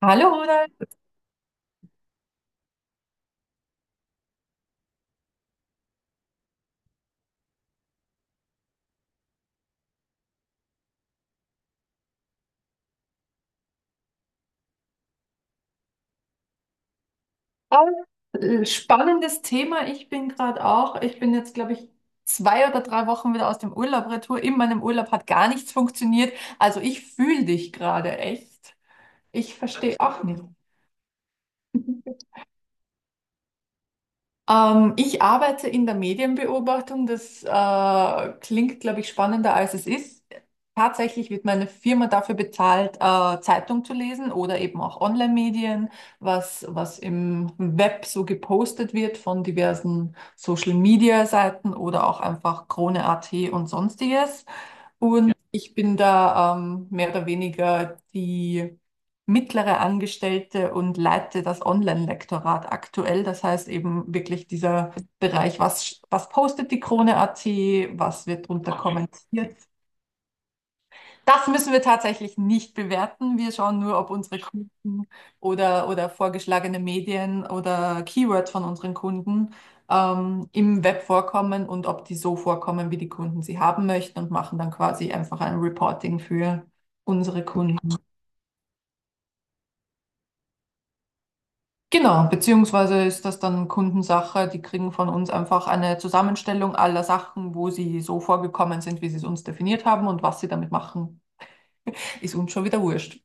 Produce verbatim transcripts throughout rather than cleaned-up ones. Hallo Ronald. Ah, äh, spannendes Thema. Ich bin gerade auch. Ich bin jetzt, glaube ich, zwei oder drei Wochen wieder aus dem Urlaub retour. In meinem Urlaub hat gar nichts funktioniert. Also ich fühle dich gerade echt. Ich verstehe auch nicht. Ähm, ich arbeite in der Medienbeobachtung. Das äh, klingt, glaube ich, spannender, als es ist. Tatsächlich wird meine Firma dafür bezahlt, äh, Zeitung zu lesen oder eben auch Online-Medien, was, was im Web so gepostet wird von diversen Social-Media-Seiten oder auch einfach Krone.at und sonstiges. Und ich bin da ähm, mehr oder weniger die mittlere Angestellte und leite das Online-Lektorat aktuell. Das heißt eben wirklich dieser Bereich: was, was postet die Krone.at, was wird drunter, Okay. kommentiert? Das müssen wir tatsächlich nicht bewerten. Wir schauen nur, ob unsere Kunden oder, oder vorgeschlagene Medien oder Keywords von unseren Kunden ähm, im Web vorkommen und ob die so vorkommen, wie die Kunden sie haben möchten, und machen dann quasi einfach ein Reporting für unsere Kunden. Genau, beziehungsweise ist das dann Kundensache. Die kriegen von uns einfach eine Zusammenstellung aller Sachen, wo sie so vorgekommen sind, wie sie es uns definiert haben, und was sie damit machen, ist uns schon wieder wurscht.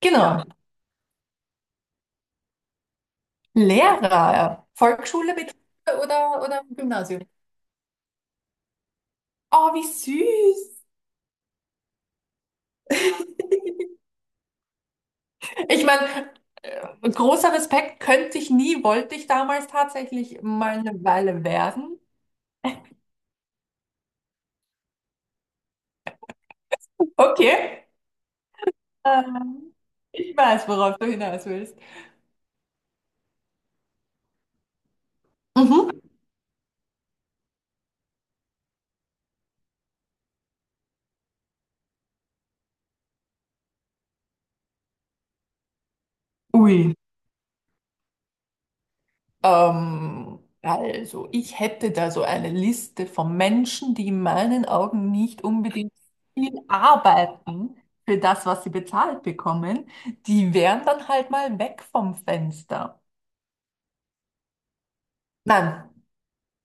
Genau. Lehrer, Volksschule, Mittelschule oder, oder Gymnasium. Oh, wie süß. Ich meine, äh, großer Respekt, könnte ich nie, wollte ich damals tatsächlich mal eine Weile werden. Okay. Äh, Ich weiß, worauf du hinaus willst. Mhm. Ui. Ähm, also, ich hätte da so eine Liste von Menschen, die in meinen Augen nicht unbedingt viel arbeiten für das, was sie bezahlt bekommen. Die wären dann halt mal weg vom Fenster. Nein,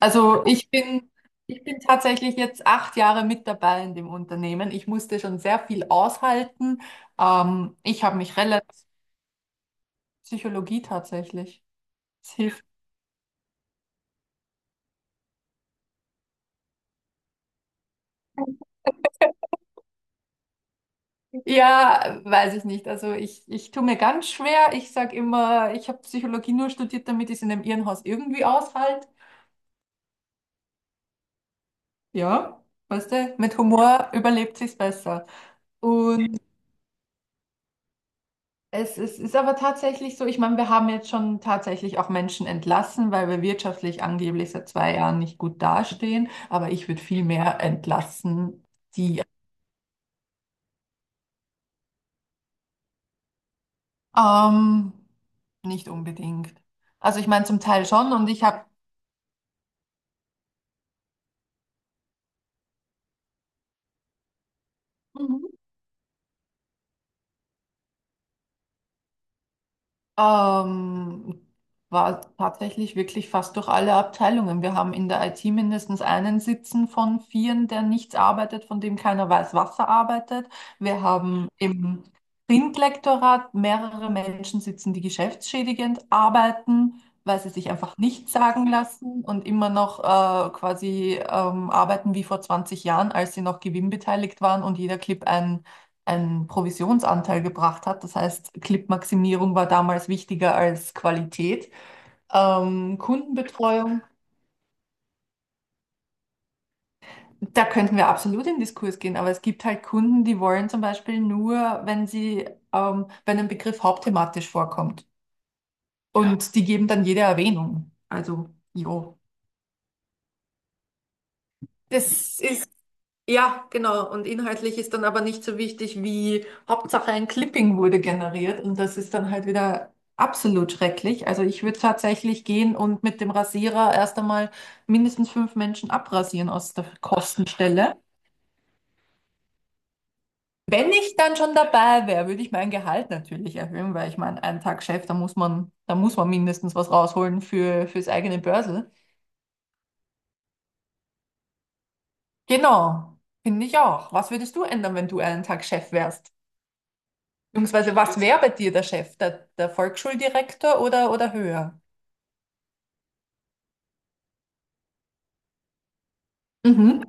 also ich bin, ich bin tatsächlich jetzt acht Jahre mit dabei in dem Unternehmen. Ich musste schon sehr viel aushalten. Ähm, ich habe mich relativ Psychologie tatsächlich. Ja, weiß ich nicht. Also ich, ich tue mir ganz schwer. Ich sage immer, ich habe Psychologie nur studiert, damit ich es in einem Irrenhaus irgendwie aushalte. Ja, weißt du, mit Humor überlebt sich's besser. Und es, es ist aber tatsächlich so, ich meine, wir haben jetzt schon tatsächlich auch Menschen entlassen, weil wir wirtschaftlich angeblich seit zwei Jahren nicht gut dastehen. Aber ich würde viel mehr entlassen, die ähm, nicht unbedingt. Also ich meine zum Teil schon, und ich habe. Ähm, war tatsächlich wirklich fast durch alle Abteilungen. Wir haben in der I T mindestens einen sitzen von vieren, der nichts arbeitet, von dem keiner weiß, was er arbeitet. Wir haben im Printlektorat mehrere Menschen sitzen, die geschäftsschädigend arbeiten, weil sie sich einfach nichts sagen lassen und immer noch äh, quasi ähm, arbeiten wie vor zwanzig Jahren, als sie noch gewinnbeteiligt waren und jeder Clip ein einen Provisionsanteil gebracht hat. Das heißt, Clip-Maximierung war damals wichtiger als Qualität. Ähm, Kundenbetreuung, da könnten wir absolut in Diskurs gehen, aber es gibt halt Kunden, die wollen zum Beispiel nur, wenn sie, ähm, wenn ein Begriff hauptthematisch vorkommt. Ja. Und die geben dann jede Erwähnung. Also, jo. Das ist Ja, genau. Und inhaltlich ist dann aber nicht so wichtig, wie Hauptsache ein Clipping wurde generiert. Und das ist dann halt wieder absolut schrecklich. Also ich würde tatsächlich gehen und mit dem Rasierer erst einmal mindestens fünf Menschen abrasieren aus der Kostenstelle. Wenn ich dann schon dabei wäre, würde ich mein Gehalt natürlich erhöhen, weil ich meine, einen Tag Chef, da muss man, da muss man mindestens was rausholen für, fürs eigene Börsel. Genau, finde ich auch. Was würdest du ändern, wenn du einen Tag Chef wärst? Beziehungsweise, was wäre bei dir der Chef? Der, der Volksschuldirektor oder, oder höher? Mhm.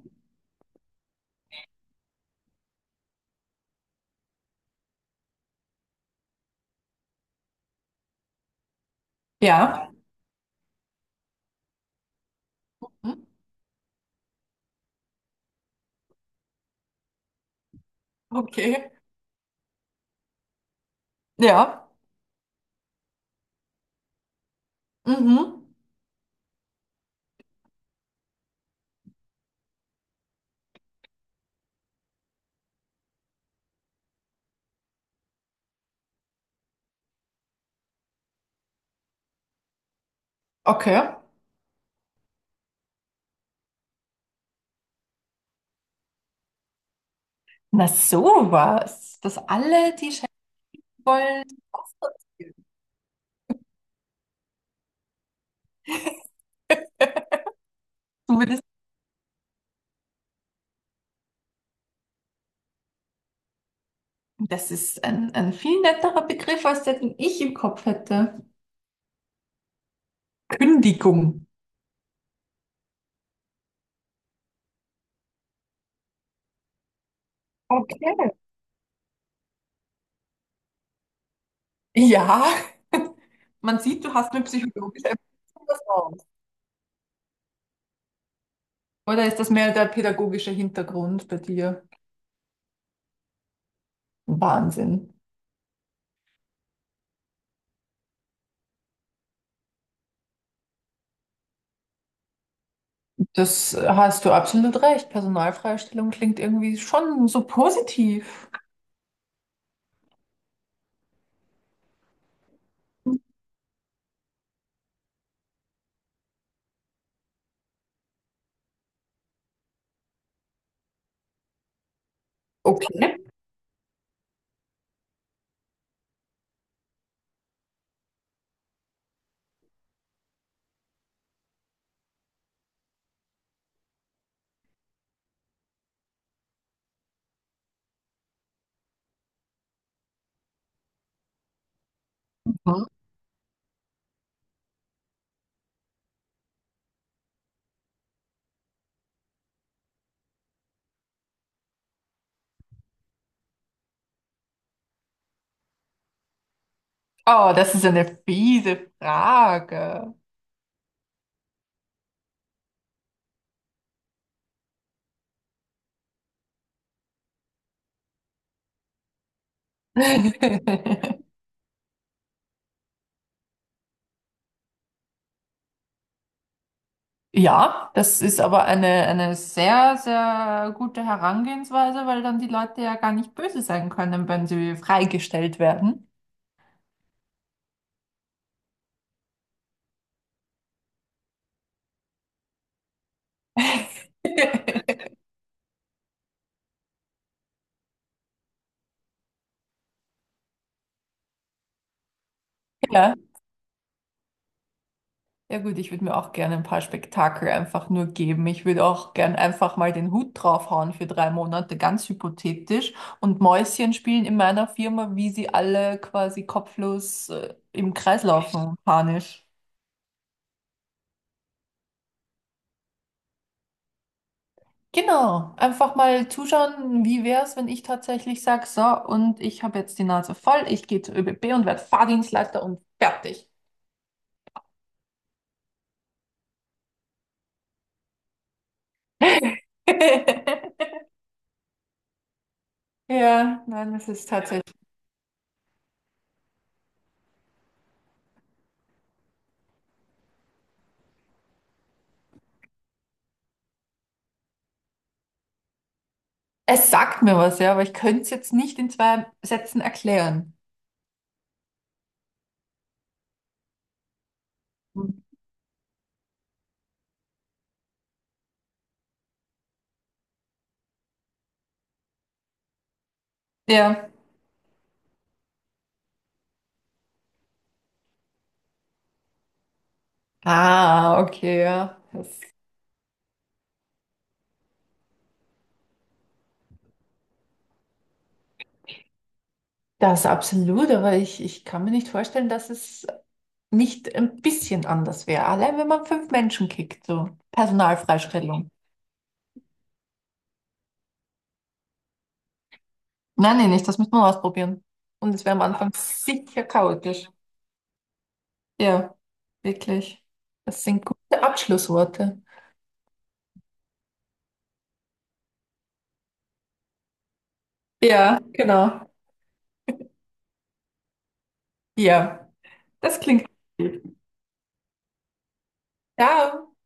Ja. Hm? Okay. Ja. Mhm. Okay. Na sowas, dass alle die Chefs wollen. Zumindest, das ist ein, ein viel netterer Begriff als der, den ich im Kopf hätte. Kündigung. Okay. Ja, man sieht, du hast mit psychologischer Erfahrung was raus. Oder ist das mehr der pädagogische Hintergrund bei dir? Wahnsinn. Das hast du absolut recht. Personalfreistellung klingt irgendwie schon so positiv. Okay. Mhm. Oh, das ist eine fiese Frage. Ja, das ist aber eine, eine sehr, sehr gute Herangehensweise, weil dann die Leute ja gar nicht böse sein können, wenn sie freigestellt werden. Ja. Ja gut, ich würde mir auch gerne ein paar Spektakel einfach nur geben. Ich würde auch gern einfach mal den Hut draufhauen für drei Monate, ganz hypothetisch, und Mäuschen spielen in meiner Firma, wie sie alle quasi kopflos äh, im Kreis laufen, panisch. Genau, einfach mal zuschauen, wie wäre es, wenn ich tatsächlich sage, so, und ich habe jetzt die Nase voll, ich gehe zur ÖBB und werde Fahrdienstleiter und fertig. Ja, nein, das ist tatsächlich. Es sagt mir was, ja, aber ich könnte es jetzt nicht in zwei Sätzen erklären. Hm. Ja. Ah, okay, ja. Das, das absolut, aber ich, ich kann mir nicht vorstellen, dass es nicht ein bisschen anders wäre. Allein wenn man fünf Menschen kickt, so Personalfreistellung. Nein, nein, nicht, das müssen wir ausprobieren. Und es wäre am Anfang sicher chaotisch. Ja, wirklich. Das sind gute Abschlussworte. Ja, genau. Ja, das klingt gut. Ciao.